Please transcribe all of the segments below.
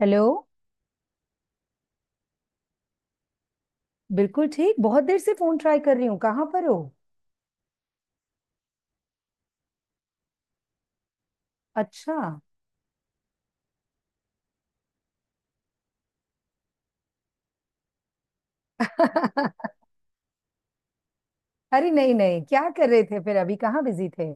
Hello. बिल्कुल ठीक, बहुत देर से फोन ट्राई कर रही हूँ, कहाँ पर हो? अच्छा। अरे नहीं नहीं, क्या कर रहे थे, फिर अभी कहाँ बिजी थे?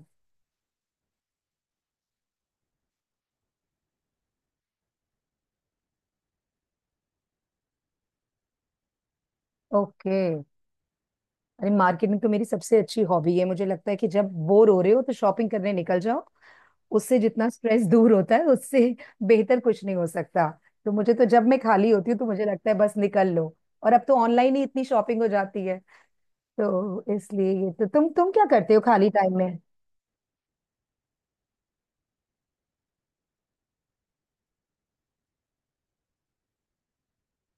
ओके। अरे मार्केटिंग तो मेरी सबसे अच्छी हॉबी है, मुझे लगता है कि जब बोर हो रहे हो तो शॉपिंग करने निकल जाओ। उससे जितना स्ट्रेस दूर होता है, उससे बेहतर कुछ नहीं हो सकता। तो मुझे तो जब मैं खाली होती हूँ तो मुझे लगता है बस निकल लो। और अब तो ऑनलाइन ही इतनी शॉपिंग हो जाती है, तो इसलिए ये। तो तुम क्या करते हो खाली टाइम में?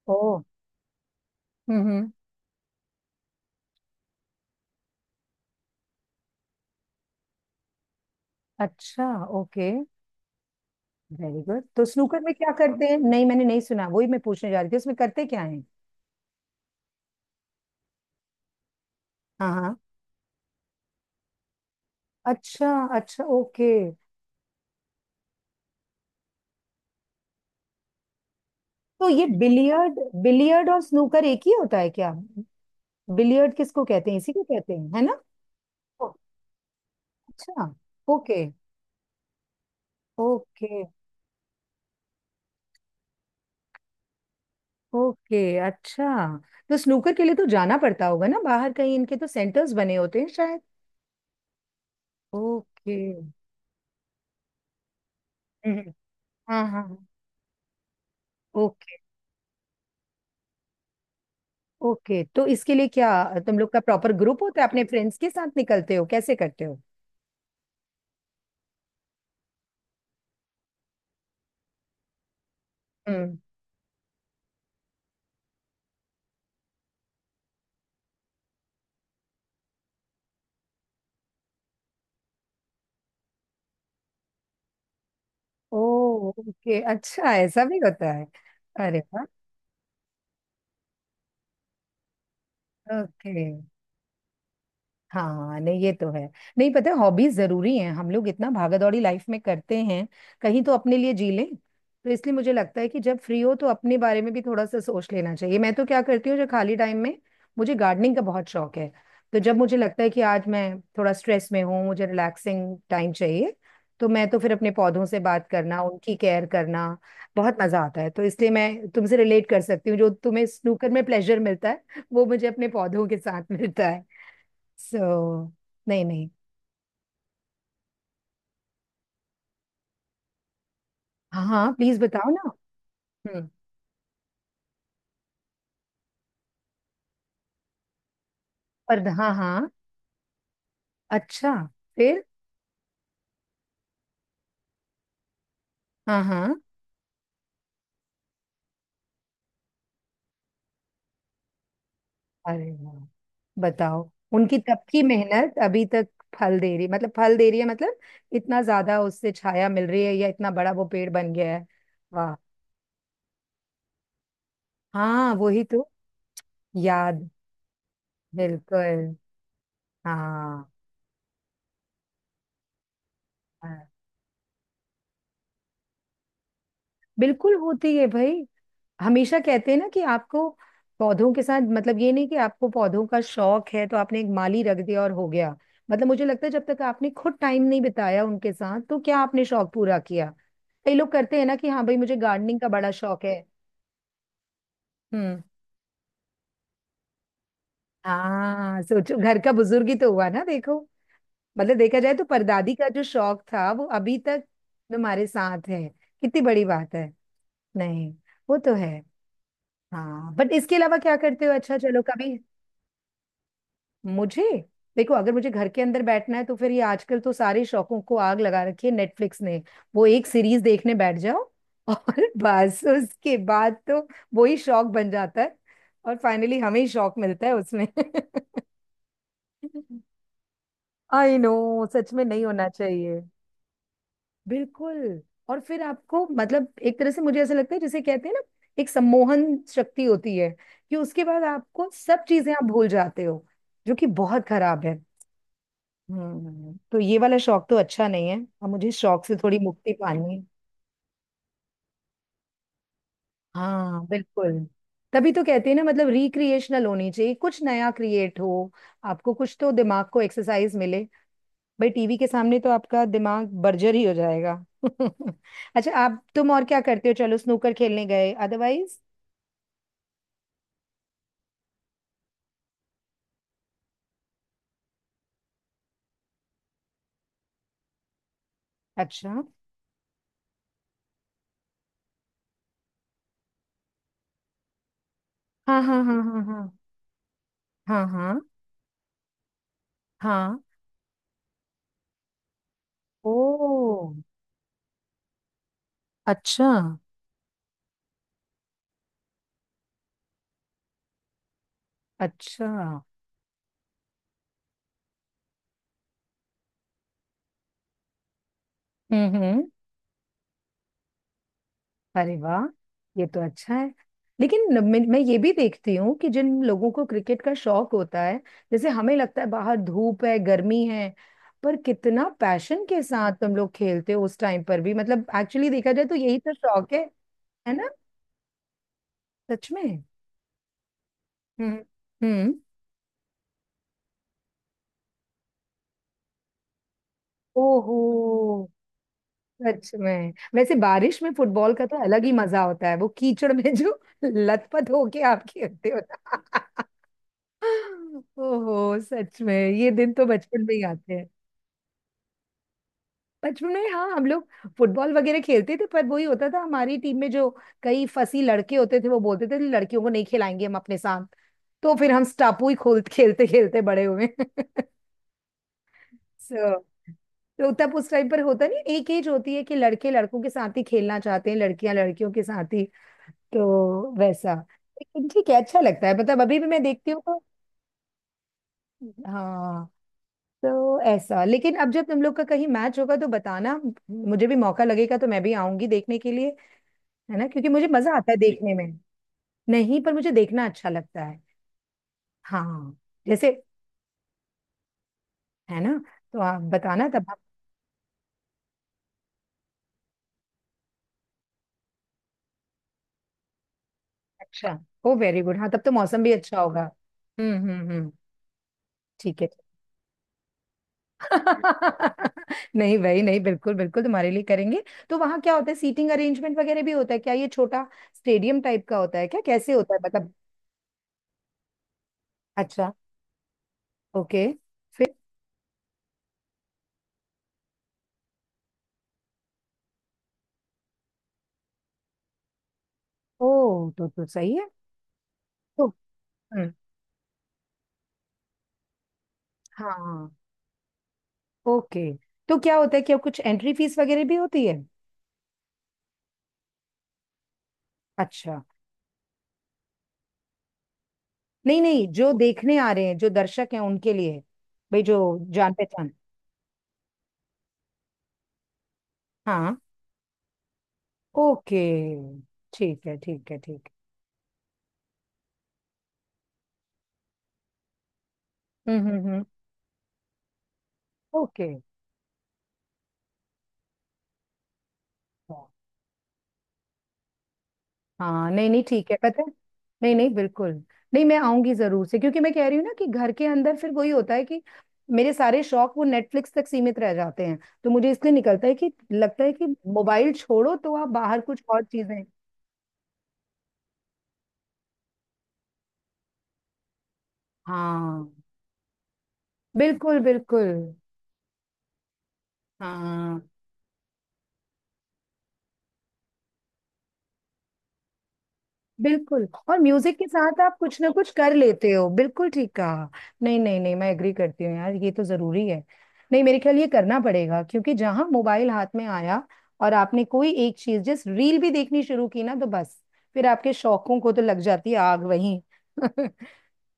ओ। हम्म। अच्छा। ओके। वेरी गुड, तो स्नूकर में क्या करते हैं? नहीं मैंने नहीं सुना, वही मैं पूछने जा रही थी, उसमें करते क्या है? हाँ हाँ। अच्छा, अच्छा ओके। तो ये बिलियर्ड, बिलियर्ड और स्नूकर एक ही होता है क्या? बिलियर्ड किसको कहते हैं, इसी को कहते हैं है ना? ओ, अच्छा। Okay, okay. ओके, अच्छा। तो स्नूकर के लिए तो जाना पड़ता होगा ना बाहर कहीं, इनके तो सेंटर्स बने होते हैं शायद। ओके। हम्म। हाँ हाँ हाँ। ओके। ओके, तो इसके लिए क्या तुम लोग का प्रॉपर ग्रुप होता है, अपने फ्रेंड्स के साथ निकलते हो, कैसे करते हो? हम्म। ओ, ओके, अच्छा ऐसा भी होता है। अरे वाह। ओके। हाँ नहीं ये तो है। नहीं, पता है हॉबीज जरूरी हैं, हम लोग इतना भागा दौड़ी लाइफ में करते हैं, कहीं तो अपने लिए जी लें। तो इसलिए मुझे लगता है कि जब फ्री हो तो अपने बारे में भी थोड़ा सा सोच लेना चाहिए। मैं तो क्या करती हूँ जो खाली टाइम में, मुझे गार्डनिंग का बहुत शौक है। तो जब मुझे लगता है कि आज मैं थोड़ा स्ट्रेस में हूँ, मुझे रिलैक्सिंग टाइम चाहिए, तो मैं तो फिर अपने पौधों से बात करना, उनकी केयर करना, बहुत मजा आता है। तो इसलिए मैं तुमसे रिलेट कर सकती हूँ, जो तुम्हें स्नूकर में प्लेजर मिलता है, वो मुझे अपने पौधों के साथ मिलता है। सो, नहीं नहीं। हाँ हाँ प्लीज बताओ ना। हम्म। पर, हाँ हाँ। अच्छा, फिर? हाँ हाँ। अरे वाह, बताओ उनकी तब की मेहनत अभी तक फल दे रही, मतलब फल दे रही है मतलब? इतना ज्यादा उससे छाया मिल रही है या इतना बड़ा वो पेड़ बन गया है? वाह। हाँ वही तो। याद। बिल्कुल। हाँ हाँ। बिल्कुल होती है भाई। हमेशा कहते हैं ना कि आपको पौधों के साथ, मतलब ये नहीं कि आपको पौधों का शौक है तो आपने एक माली रख दिया और हो गया। मतलब मुझे लगता है जब तक आपने खुद टाइम नहीं बिताया उनके साथ तो क्या आपने शौक पूरा किया? कई लोग करते हैं ना कि हाँ भाई मुझे गार्डनिंग का बड़ा शौक है। हम्म। हाँ सोचो, घर का बुजुर्ग ही तो हुआ ना, देखो। मतलब देखा जाए तो परदादी का जो शौक था वो अभी तक तुम्हारे साथ है, कितनी बड़ी बात है। नहीं, वो तो है। हाँ, बट इसके अलावा क्या करते हो? अच्छा चलो, कभी मुझे, देखो अगर मुझे घर के अंदर बैठना है तो फिर ये आजकल तो सारे शौकों को आग लगा रखी है नेटफ्लिक्स ने। वो एक सीरीज देखने बैठ जाओ और बस उसके बाद तो वही शौक बन जाता है, और फाइनली हमें ही शौक मिलता है उसमें। आई नो, सच में नहीं होना चाहिए। बिल्कुल। और फिर आपको, मतलब एक तरह से मुझे ऐसा लगता है, जिसे कहते हैं ना, एक सम्मोहन शक्ति होती है कि उसके बाद आपको सब चीजें, आप भूल जाते हो, जो कि बहुत खराब है। हम्म, तो ये वाला शौक तो अच्छा नहीं है, अब मुझे इस शौक से थोड़ी मुक्ति पानी है। हाँ बिल्कुल। तभी तो कहते हैं ना, मतलब रिक्रिएशनल होनी चाहिए, कुछ नया क्रिएट हो, आपको कुछ तो दिमाग को एक्सरसाइज मिले। भाई टीवी के सामने तो आपका दिमाग बर्जर ही हो जाएगा। अच्छा आप, तुम और क्या करते हो, चलो स्नूकर खेलने गए, अदरवाइज? अच्छा। हाँ हाँ हाँ हाँ हाँ। हाँ हाँ। हाँ। ओ, अच्छा। अच्छा। हम्म। हम्म। अरे वाह, ये तो अच्छा है। लेकिन मैं ये भी देखती हूँ कि जिन लोगों को क्रिकेट का शौक होता है, जैसे हमें लगता है बाहर धूप है गर्मी है, पर कितना पैशन के साथ तुम लोग खेलते हो उस टाइम पर भी, मतलब एक्चुअली देखा जाए तो यही तो शौक है। है ना, सच में। हम्म। हम्म। ओहो, सच में। वैसे बारिश में फुटबॉल का तो अलग ही मजा होता है, वो कीचड़ में जो लथपथ होके आप खेलते हो ना। ओहो सच में, ये दिन तो बचपन में ही आते हैं। बचपन में, हाँ हम लोग फुटबॉल वगैरह खेलते थे, पर वही होता था हमारी टीम में जो कई फसी लड़के होते थे वो बोलते थे लड़कियों को नहीं खिलाएंगे हम अपने साथ। तो फिर हम स्टापू ही खोल खेलते खेलते बड़े हुए। सो, तो तब उस टाइम पर होता, नहीं एक एज होती है कि लड़के लड़कों के साथ ही खेलना चाहते हैं, लड़कियां लड़कियों के साथ ही। तो वैसा। लेकिन ठीक है, अच्छा लगता है, मतलब अभी भी मैं देखती हूँ तो। हाँ, तो ऐसा। लेकिन अब जब तुम लोग का कहीं मैच होगा तो बताना, मुझे भी मौका लगेगा तो मैं भी आऊंगी देखने के लिए। है ना, क्योंकि मुझे मजा आता है ठीक देखने में। नहीं, पर मुझे देखना अच्छा लगता है। हाँ। जैसे। है ना, तो आप बताना तब हम। अच्छा, ओ वेरी गुड, हाँ तब तो मौसम भी अच्छा होगा। हम्म। ठीक है। नहीं भाई नहीं, बिल्कुल बिल्कुल तुम्हारे लिए करेंगे। तो वहाँ क्या होता है, सीटिंग अरेंजमेंट वगैरह भी होता है क्या? ये छोटा स्टेडियम टाइप का होता है क्या, कैसे होता है मतलब? अच्छा। ओके। ओ, तो सही है। तो। हम्म। हाँ। ओके। तो क्या होता है कि अब कुछ एंट्री फीस वगैरह भी होती है? अच्छा। नहीं नहीं, जो देखने आ रहे हैं, जो दर्शक हैं उनके लिए। भाई जो जान पहचान। हाँ। ओके, ठीक है, ठीक है ठीक है। हम्म। ओके। हाँ। हाँ नहीं नहीं, ठीक है पता है। नहीं नहीं बिल्कुल। नहीं मैं आऊंगी जरूर से, क्योंकि मैं कह रही हूँ ना कि घर के अंदर फिर वही होता है कि मेरे सारे शौक वो नेटफ्लिक्स तक सीमित रह जाते हैं। तो मुझे इसलिए निकलता है कि लगता है कि मोबाइल छोड़ो तो आप बाहर कुछ और चीजें। हाँ। बिल्कुल बिल्कुल। हाँ। बिल्कुल, और म्यूजिक के साथ आप कुछ ना कुछ कर लेते हो, बिल्कुल ठीक कहा। नहीं नहीं नहीं, मैं एग्री करती हूँ यार, ये तो जरूरी है। नहीं मेरे ख्याल ये करना पड़ेगा, क्योंकि जहां मोबाइल हाथ में आया और आपने कोई एक चीज जस्ट रील भी देखनी शुरू की ना, तो बस फिर आपके शौकों को तो लग जाती है आग वहीं।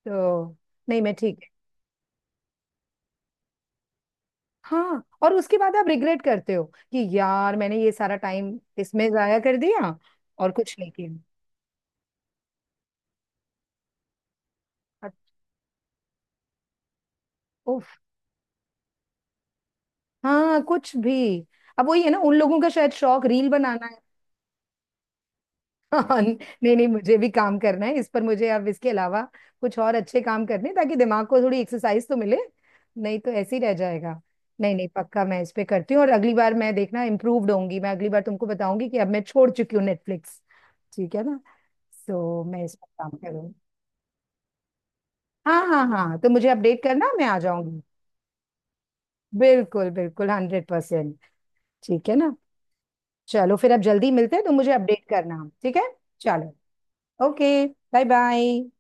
तो, नहीं मैं ठीक है। हाँ, और उसके बाद आप रिग्रेट करते हो कि यार मैंने ये सारा टाइम इसमें जाया कर दिया और कुछ नहीं किया। हाँ कुछ भी। अब वही है ना, उन लोगों का शायद शौक रील बनाना है। हाँ, नहीं नहीं मुझे भी काम करना है इस पर, मुझे अब इसके अलावा कुछ और अच्छे काम करने हैं, ताकि दिमाग को थोड़ी एक्सरसाइज तो मिले, नहीं तो ऐसे ही रह जाएगा। नहीं नहीं पक्का, मैं इस पे करती हूँ, और अगली बार मैं, देखना इम्प्रूव्ड होंगी, मैं अगली बार तुमको बताऊंगी कि अब मैं छोड़ चुकी हूँ नेटफ्लिक्स। ठीक है ना, सो मैं इस पर काम करूँ। हाँ हाँ हाँ, तो मुझे अपडेट करना, मैं आ जाऊंगी। बिल्कुल बिल्कुल, 100%। ठीक है ना, चलो फिर अब जल्दी मिलते हैं, तो मुझे अपडेट करना, ठीक है? चलो। ओके। Bye bye.